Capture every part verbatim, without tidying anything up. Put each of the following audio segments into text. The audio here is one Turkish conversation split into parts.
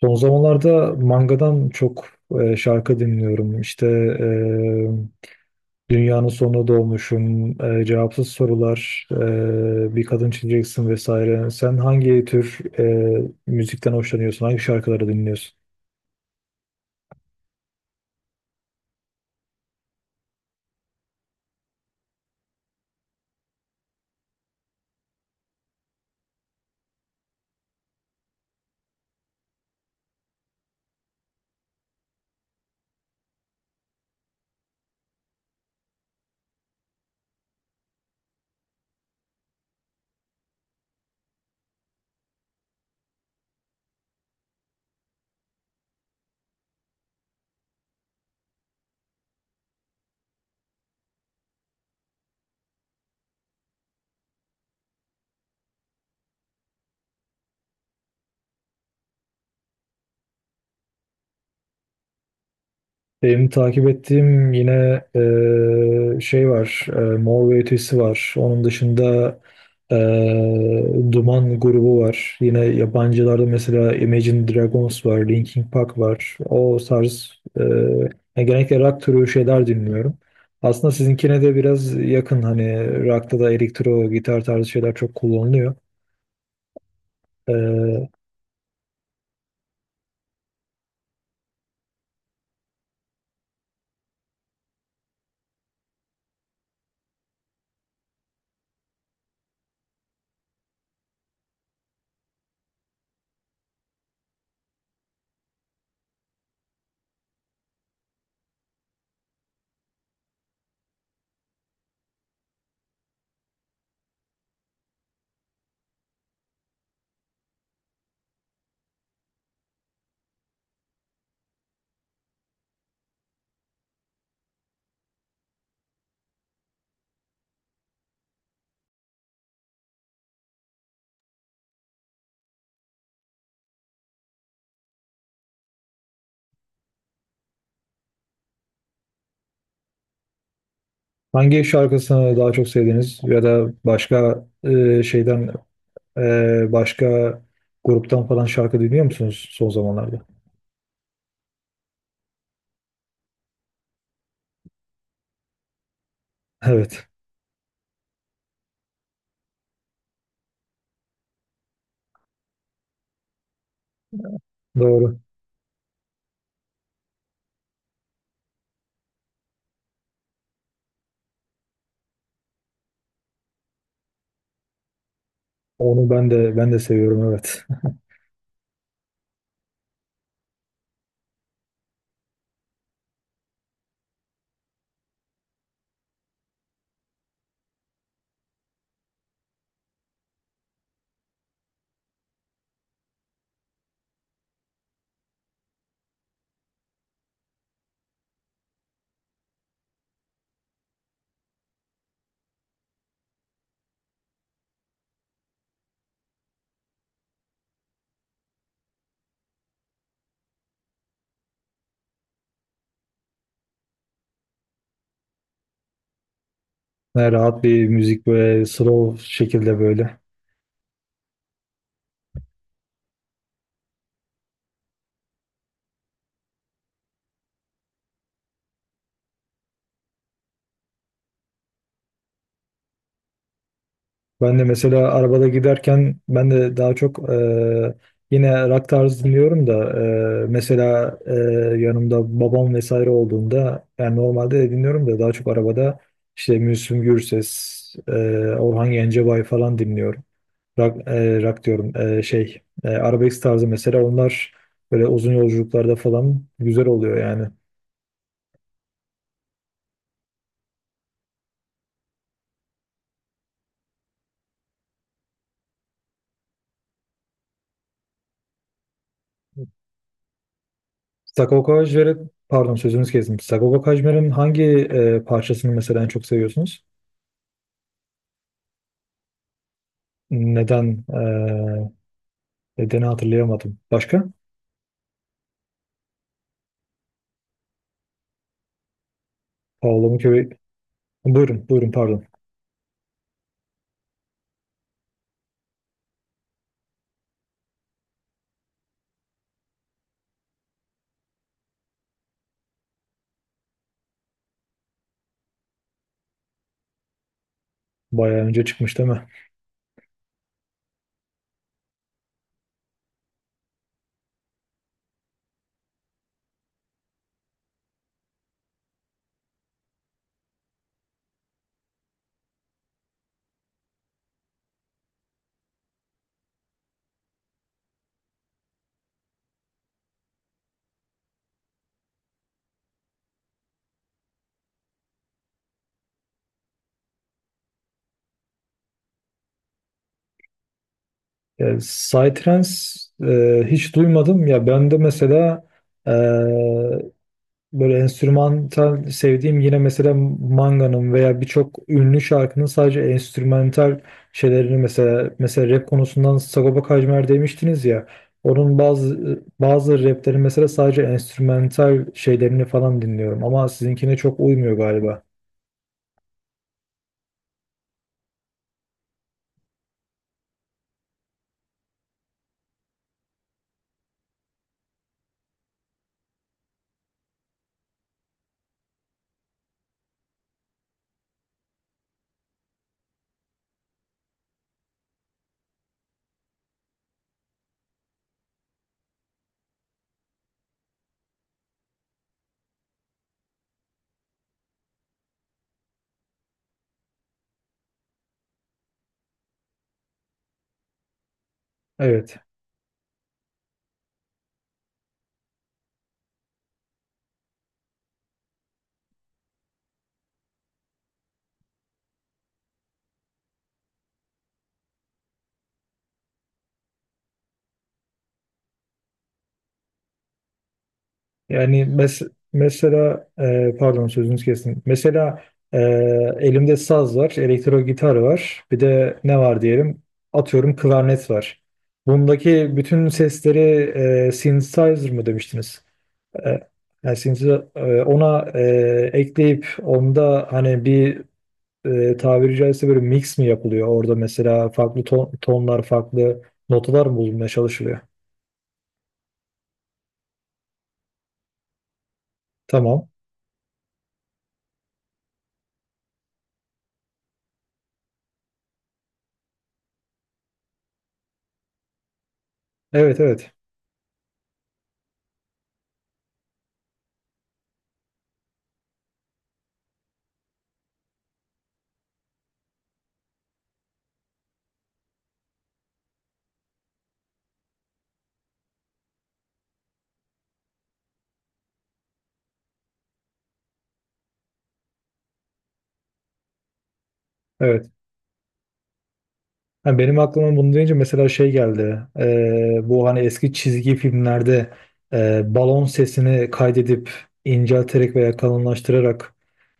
Son zamanlarda mangadan çok e, şarkı dinliyorum. İşte e, Dünyanın Sonuna Doğmuşum, e, Cevapsız Sorular, e, Bir Kadın Çizeceksin vesaire. Sen hangi tür e, müzikten hoşlanıyorsun? Hangi şarkıları dinliyorsun? Benim takip ettiğim yine e, şey var, e, Mor ve Ötesi var. Onun dışında e, Duman grubu var. Yine yabancılarda mesela Imagine Dragons var, Linkin Park var. O tarz e, yani genellikle rock türü şeyler dinliyorum. Aslında sizinkine de biraz yakın hani rock'ta da elektro gitar tarzı şeyler çok kullanılıyor. E, hangi şarkısını daha çok sevdiniz ya da başka e, şeyden Ee, başka gruptan falan şarkı dinliyor musunuz son zamanlarda? Evet, doğru. Onu ben de ben de seviyorum, evet. Yani rahat bir müzik böyle slow şekilde böyle. Ben de mesela arabada giderken ben de daha çok e, yine rock tarzı dinliyorum da, e, mesela e, yanımda babam vesaire olduğunda, yani normalde de dinliyorum da daha çok arabada işte Müslüm Gürses, e, Orhan Gencebay falan dinliyorum. Rock, e, rock diyorum, e, şey e, arabesk tarzı, mesela onlar böyle uzun yolculuklarda falan güzel oluyor yani. Sagopa Kajmer'i, pardon, sözünüzü kestim. Sagopa Kajmer'in hangi e, parçasını mesela en çok seviyorsunuz? Neden? E, nedeni hatırlayamadım. Başka? Paolo Mukavele. Buyurun, buyurun, pardon. Bayağı önce çıkmış değil mi? Ya, Psytrance e, hiç duymadım ya, ben de mesela, e, böyle enstrümantal sevdiğim yine mesela Manga'nın veya birçok ünlü şarkının sadece enstrümantal şeylerini, mesela mesela rap konusundan Sagopa Kajmer demiştiniz ya, onun bazı bazı rapleri mesela sadece enstrümantal şeylerini falan dinliyorum, ama sizinkine çok uymuyor galiba. Evet. Yani mes- mesela e, pardon, sözünüzü kestim. Mesela e, elimde saz var, elektro gitar var. Bir de ne var diyelim? Atıyorum, klarnet var. Bundaki bütün sesleri e, synthesizer mı demiştiniz? E, yani synthesizer- e, ona e, ekleyip, onda hani bir e, tabiri caizse böyle mix mi yapılıyor? Orada mesela farklı ton- tonlar, farklı notalar mı bulunmaya çalışılıyor? Tamam. Evet, evet. Evet. Ha, benim aklıma bunu deyince mesela şey geldi. Ee, bu hani eski çizgi filmlerde e, balon sesini kaydedip incelterek veya kalınlaştırarak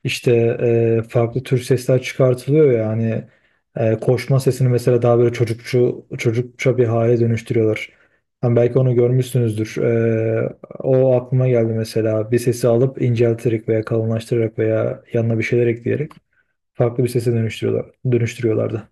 işte e, farklı tür sesler çıkartılıyor ya hani, e, koşma sesini mesela daha böyle çocukçu çocukça bir hale dönüştürüyorlar. Hani belki onu görmüşsünüzdür. Ee, o aklıma geldi mesela. Bir sesi alıp incelterek veya kalınlaştırarak veya yanına bir şeyler ekleyerek farklı bir sese dönüştürüyorlar, dönüştürüyorlardı.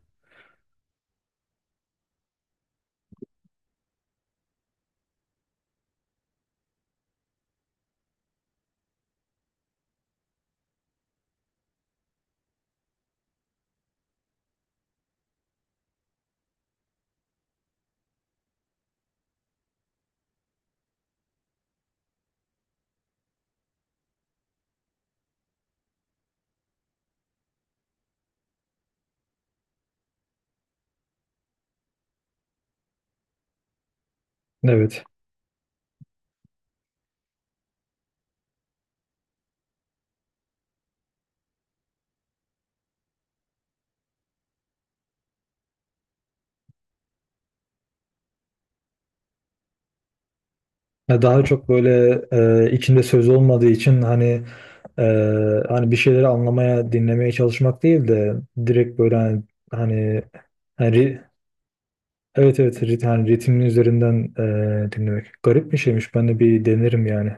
Evet. Ya, daha çok böyle e, içinde söz olmadığı için hani e, hani bir şeyleri anlamaya, dinlemeye çalışmak değil de direkt böyle hani, hani, hani ri- evet, evet, rit, hani ritmin üzerinden e, dinlemek. Garip bir şeymiş. Ben de bir denerim yani.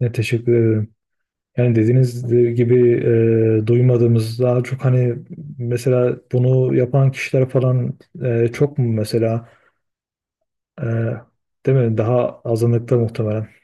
Ya, teşekkür ederim. Yani dediğiniz gibi e, duymadığımız, daha çok hani mesela bunu yapan kişiler falan e, çok mu mesela, e, değil mi? Daha azınlıkta muhtemelen.